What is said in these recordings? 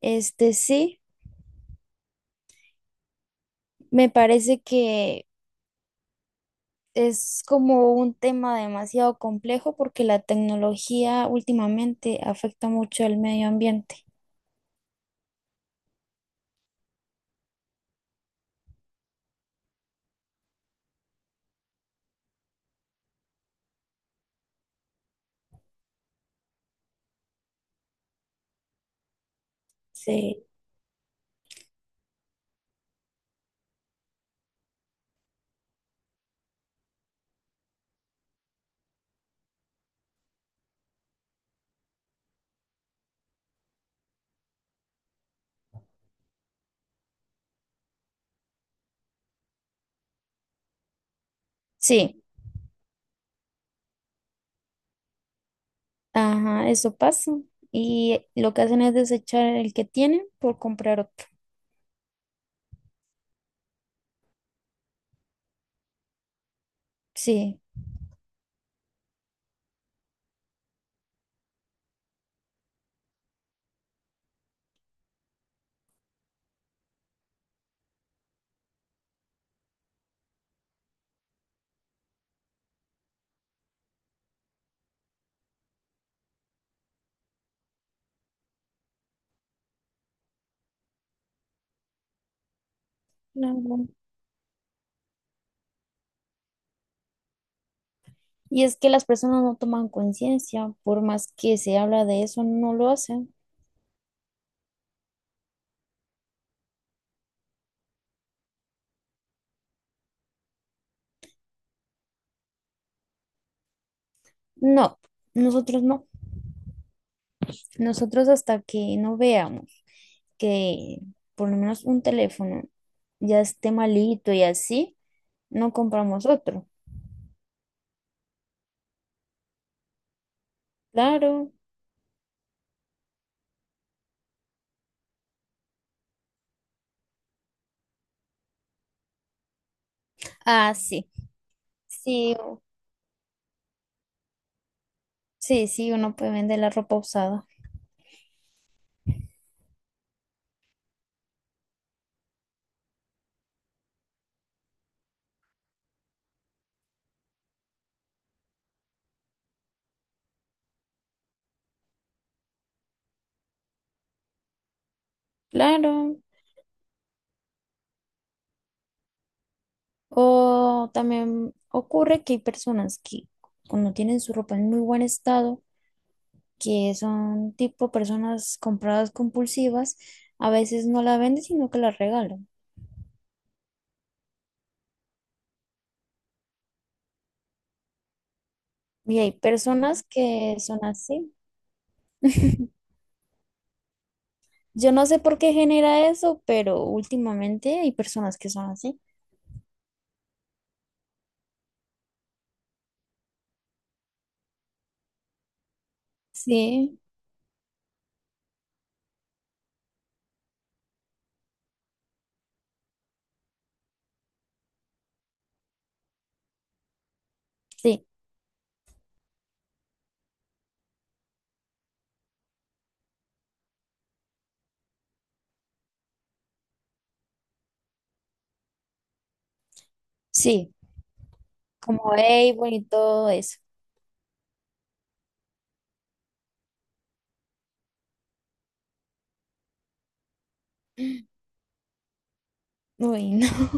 Este sí, me parece que es como un tema demasiado complejo porque la tecnología últimamente afecta mucho al medio ambiente. Sí. Sí, ajá, eso pasa. Y lo que hacen es desechar el que tienen por comprar otro. Sí. Claro. Y es que las personas no toman conciencia, por más que se habla de eso, no lo hacen. No, nosotros no. Nosotros hasta que no veamos que por lo menos un teléfono ya esté malito y así, no compramos otro. Claro. Ah, sí. Sí, o- sí, sí, uno puede vender la ropa usada. Claro. O también ocurre que hay personas que cuando tienen su ropa en muy buen estado, que son tipo personas compradas compulsivas, a veces no la venden, sino que la regalan. Y hay personas que son así. Yo no sé por qué genera eso, pero últimamente hay personas que son así. Sí, sí, sí, como Avon y todo eso. Uy, no.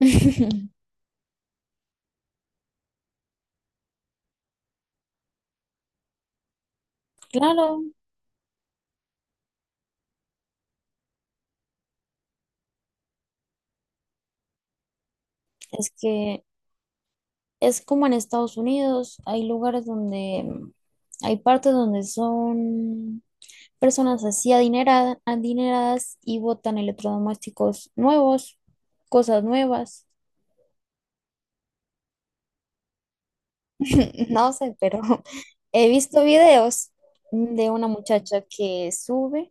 Claro, es que es como en Estados Unidos, hay lugares donde, hay partes donde son personas así adineradas, adineradas y botan electrodomésticos nuevos, cosas nuevas. No sé, pero he visto videos de una muchacha que sube,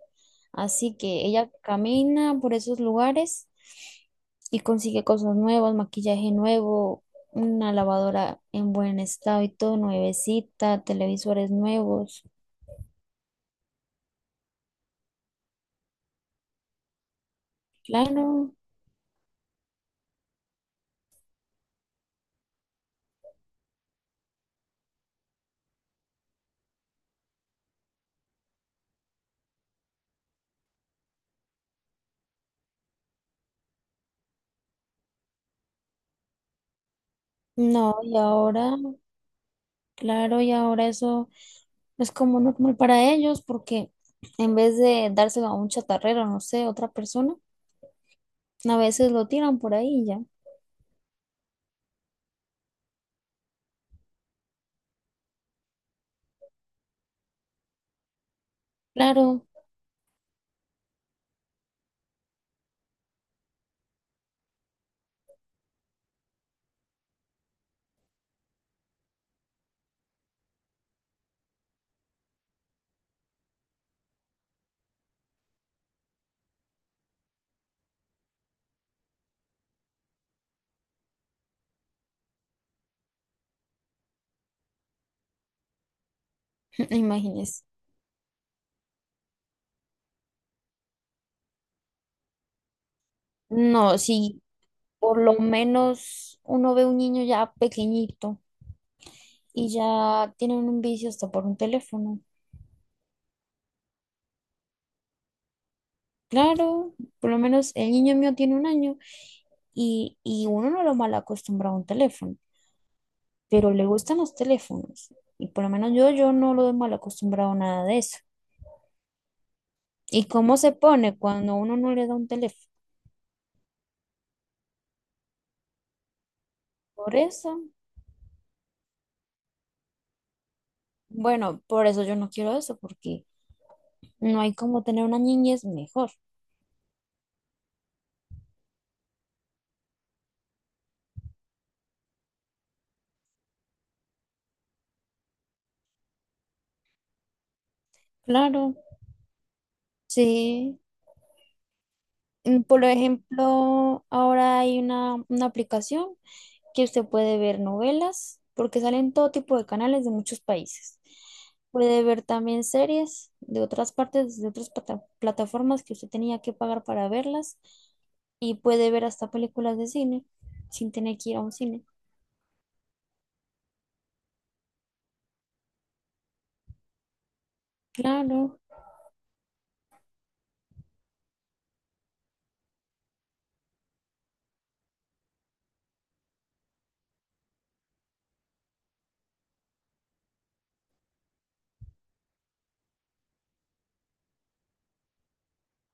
así que ella camina por esos lugares y consigue cosas nuevas, maquillaje nuevo, una lavadora en buen estado y todo, nuevecita, televisores nuevos. Claro, no, y ahora, claro, y ahora eso es como normal para ellos porque en vez de dárselo a un chatarrero, no sé, otra persona, a veces lo tiran por ahí y ya. Claro. Imagínese. No, si por lo menos uno ve un niño ya pequeñito y ya tienen un vicio hasta por un teléfono. Claro, por lo menos el niño mío tiene 1 año y uno no lo mal acostumbra a un teléfono, pero le gustan los teléfonos. Y por lo menos yo, yo no lo he mal acostumbrado a nada de eso. ¿Y cómo se pone cuando uno no le da un teléfono? Por eso, bueno, por eso yo no quiero eso, porque no hay como tener una niñez mejor. Claro. Sí. Mm, por ejemplo, ahora hay una aplicación que usted puede ver novelas, porque salen todo tipo de canales de muchos países. Puede ver también series de otras partes, de otras plata- plataformas que usted tenía que pagar para verlas. Y puede ver hasta películas de cine sin tener que ir a un cine. Claro,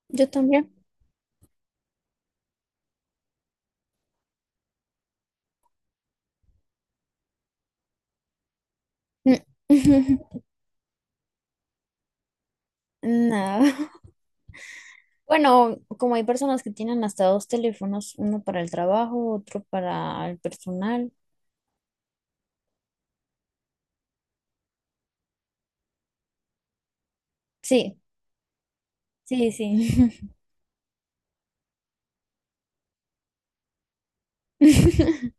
yo también. Mm. No. Bueno, como hay personas que tienen hasta 2 teléfonos, uno para el trabajo, otro para el personal. Sí, sí, sí.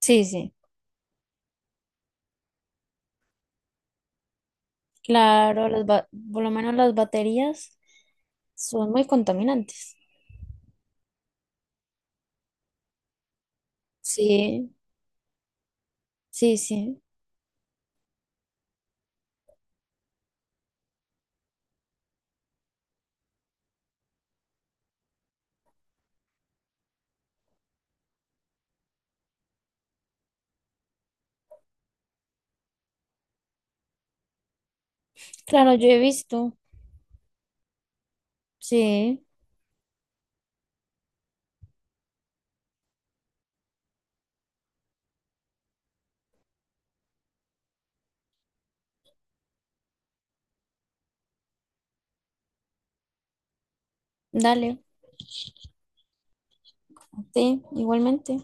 Sí, sí. Claro, las ba- por lo menos las baterías son muy contaminantes. Sí, sí, sí. Claro, yo he visto. Sí, dale. Sí, igualmente.